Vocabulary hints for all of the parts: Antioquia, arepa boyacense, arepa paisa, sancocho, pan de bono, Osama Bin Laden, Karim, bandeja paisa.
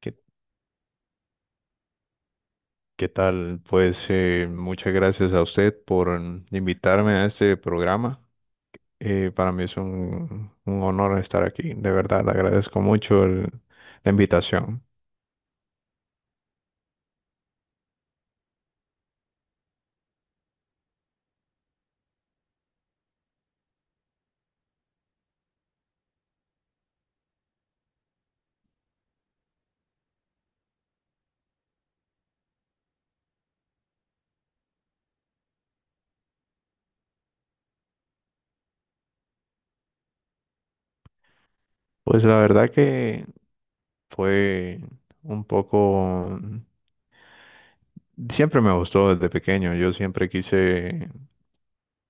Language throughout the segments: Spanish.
¿Qué, qué tal? Pues muchas gracias a usted por invitarme a este programa. Para mí es un honor estar aquí. De verdad, le agradezco mucho la invitación. Pues la verdad que fue un poco. Siempre me gustó desde pequeño. Yo siempre quise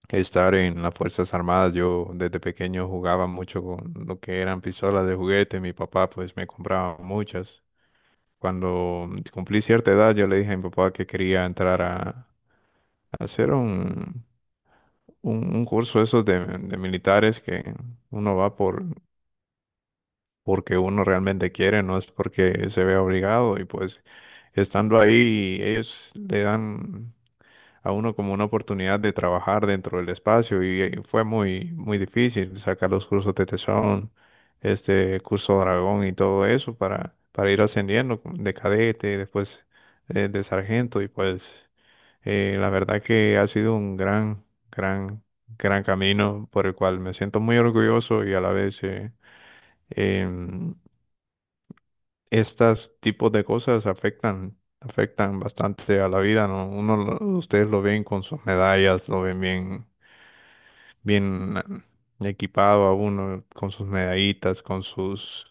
estar en las Fuerzas Armadas. Yo desde pequeño jugaba mucho con lo que eran pistolas de juguete. Mi papá pues me compraba muchas. Cuando cumplí cierta edad, yo le dije a mi papá que quería entrar a hacer un curso esos de militares que uno va por porque uno realmente quiere, no es porque se vea obligado y pues estando ahí ellos le dan a uno como una oportunidad de trabajar dentro del espacio y, fue muy, muy difícil sacar los cursos de tesón, este curso dragón y todo eso para ir ascendiendo de cadete, después de sargento y pues la verdad que ha sido un gran, gran camino por el cual me siento muy orgulloso y a la vez... eh, em, estas tipos de cosas afectan, afectan bastante a la vida, ¿no? Ustedes lo ven con sus medallas, lo ven bien, equipado a uno, con sus medallitas,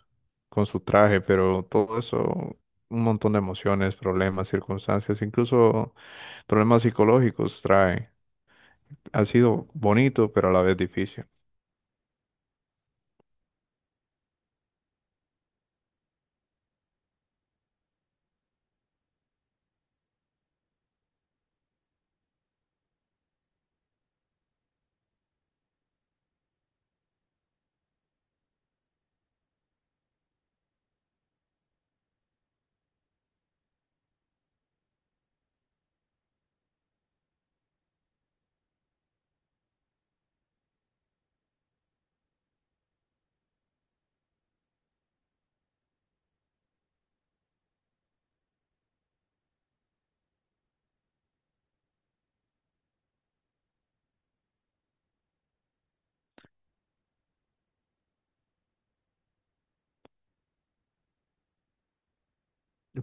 con su traje, pero todo eso, un montón de emociones, problemas, circunstancias, incluso problemas psicológicos trae. Ha sido bonito, pero a la vez difícil.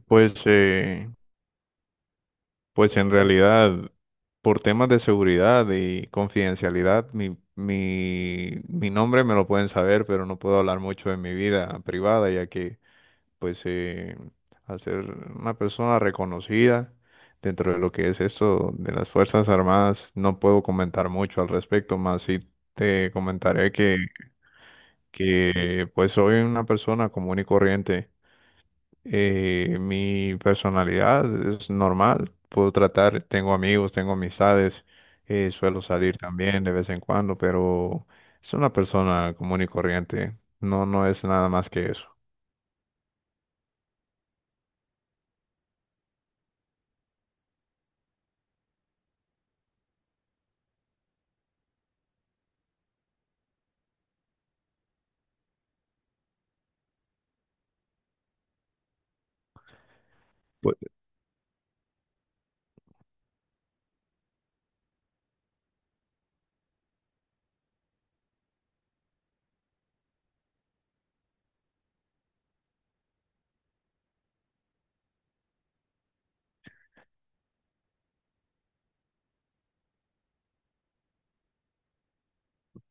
Pues, pues en realidad, por temas de seguridad y confidencialidad, mi nombre me lo pueden saber, pero no puedo hablar mucho de mi vida privada, ya que, pues, al ser una persona reconocida dentro de lo que es esto de las Fuerzas Armadas, no puedo comentar mucho al respecto, más si te comentaré pues, soy una persona común y corriente, mi personalidad es normal, puedo tratar, tengo amigos, tengo amistades, suelo salir también de vez en cuando, pero es una persona común y corriente, no, no es nada más que eso. Pues,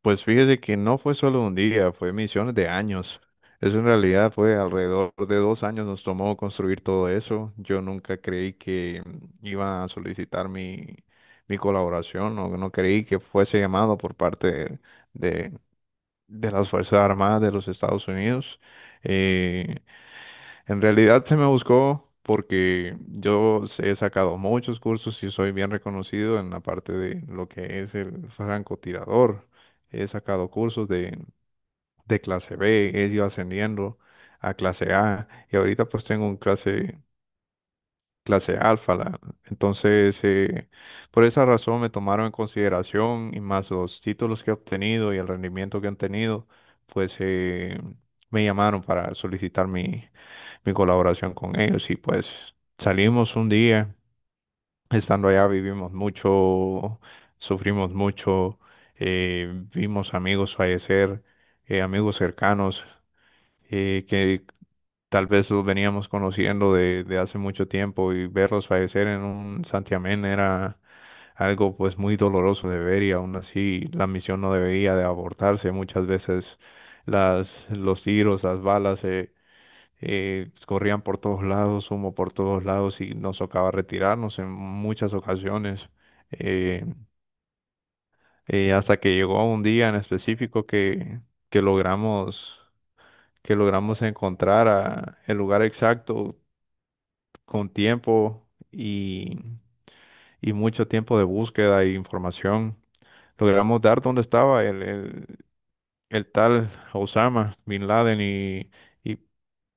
pues fíjese que no fue solo un día, fue misiones de años. Eso en realidad fue alrededor de dos años nos tomó construir todo eso. Yo nunca creí que iba a solicitar mi colaboración, o no creí que fuese llamado por parte de, de las Fuerzas Armadas de los Estados Unidos. Eh, en realidad se me buscó porque he sacado muchos cursos y soy bien reconocido en la parte de lo que es el francotirador. He sacado cursos de clase B, he ido ascendiendo a clase A y ahorita pues tengo un clase alfa. Entonces, por esa razón me tomaron en consideración y más los títulos que he obtenido y el rendimiento que han tenido, pues me llamaron para solicitar mi colaboración con ellos y pues salimos un día, estando allá vivimos mucho, sufrimos mucho, vimos amigos fallecer, amigos cercanos. Que tal vez los veníamos conociendo de hace mucho tiempo y verlos fallecer en un santiamén era algo pues muy doloroso de ver y aún así la misión no debería de abortarse. Muchas veces los tiros, las balas corrían por todos lados, humo por todos lados y nos tocaba retirarnos en muchas ocasiones. eh, Hasta que llegó un día en específico que logramos que logramos encontrar el lugar exacto con tiempo y mucho tiempo de búsqueda e información, logramos dar dónde estaba el tal Osama Bin Laden y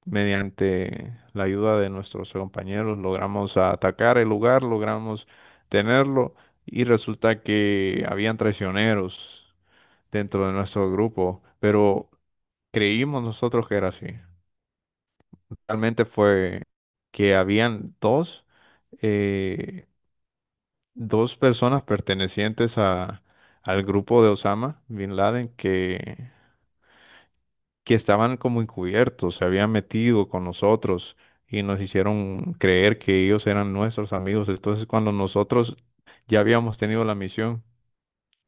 mediante la ayuda de nuestros compañeros logramos atacar el lugar, logramos tenerlo y resulta que habían traicioneros dentro de nuestro grupo, pero creímos nosotros que era así. Realmente fue que habían dos. eh, Dos personas pertenecientes al grupo de Osama Bin Laden que estaban como encubiertos, se habían metido con nosotros y nos hicieron creer que ellos eran nuestros amigos. Entonces, cuando nosotros ya habíamos tenido la misión,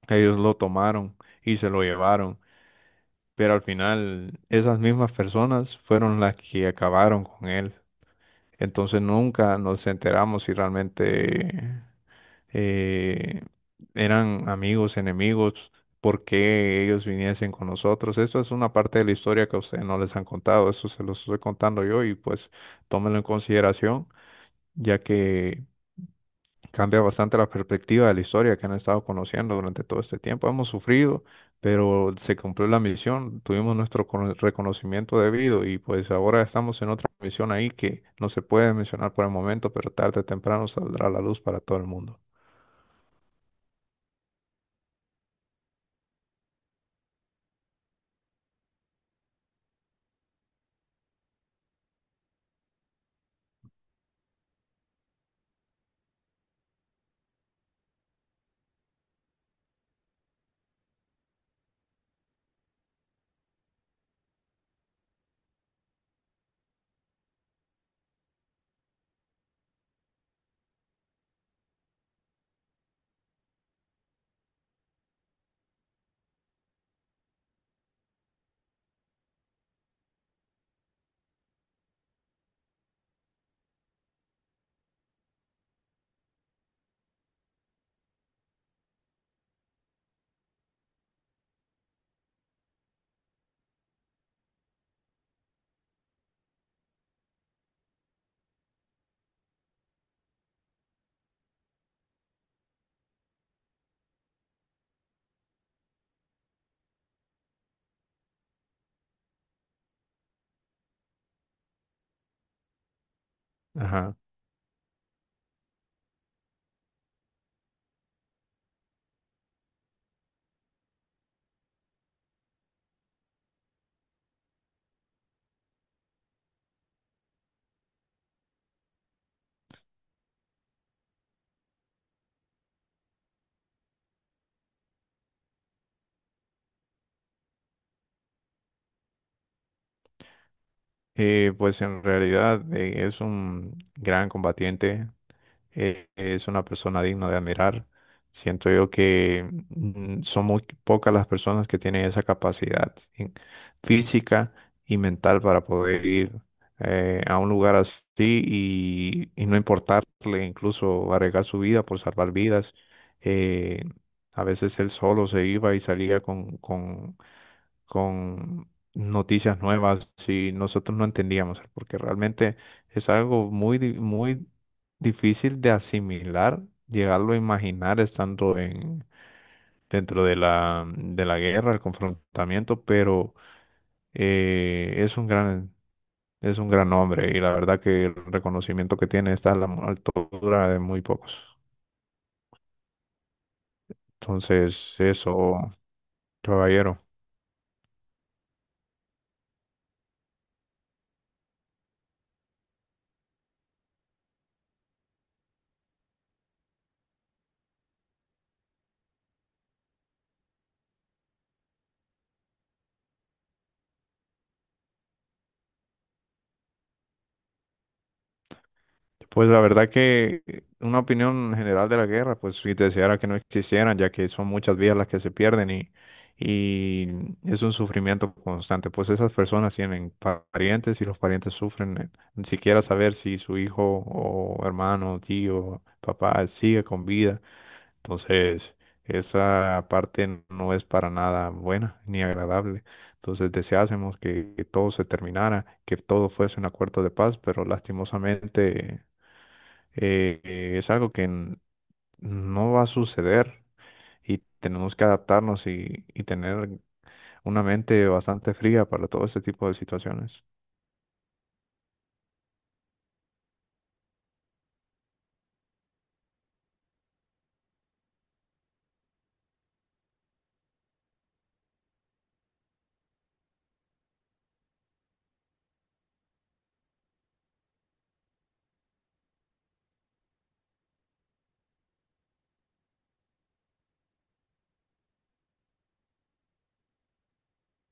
ellos lo tomaron y se lo llevaron. Pero al final, esas mismas personas fueron las que acabaron con él. Entonces nunca nos enteramos si realmente eh, eran amigos, enemigos, por qué ellos viniesen con nosotros. Esto es una parte de la historia que a ustedes no les han contado, esto se los estoy contando yo y pues tómenlo en consideración, ya que cambia bastante la perspectiva de la historia que han estado conociendo durante todo este tiempo. Hemos sufrido, pero se cumplió la misión, tuvimos nuestro reconocimiento debido y pues ahora estamos en otra misión ahí que no se puede mencionar por el momento, pero tarde o temprano saldrá a la luz para todo el mundo. Ajá. Pues en realidad es un gran combatiente, es una persona digna de admirar. Siento yo que son muy pocas las personas que tienen esa capacidad física y mental para poder ir a un lugar así y no importarle incluso arriesgar su vida por salvar vidas. Eh, a veces él solo se iba y salía con noticias nuevas si nosotros no entendíamos, porque realmente es algo muy difícil de asimilar, llegarlo a imaginar estando en, dentro de de la guerra, el confrontamiento, pero es un es un gran hombre y la verdad que el reconocimiento que tiene está a la altura de muy pocos. Entonces, eso, caballero. Pues la verdad que una opinión general de la guerra, pues si deseara que no existieran, ya que son muchas vidas las que se pierden y es un sufrimiento constante. Pues esas personas tienen parientes y los parientes sufren, ni siquiera saber si su hijo o hermano, tío, papá sigue con vida. Entonces, esa parte no es para nada buena ni agradable. Entonces deseásemos que todo se terminara, que todo fuese un acuerdo de paz, pero lastimosamente es algo que no va a suceder y tenemos que adaptarnos y tener una mente bastante fría para todo ese tipo de situaciones.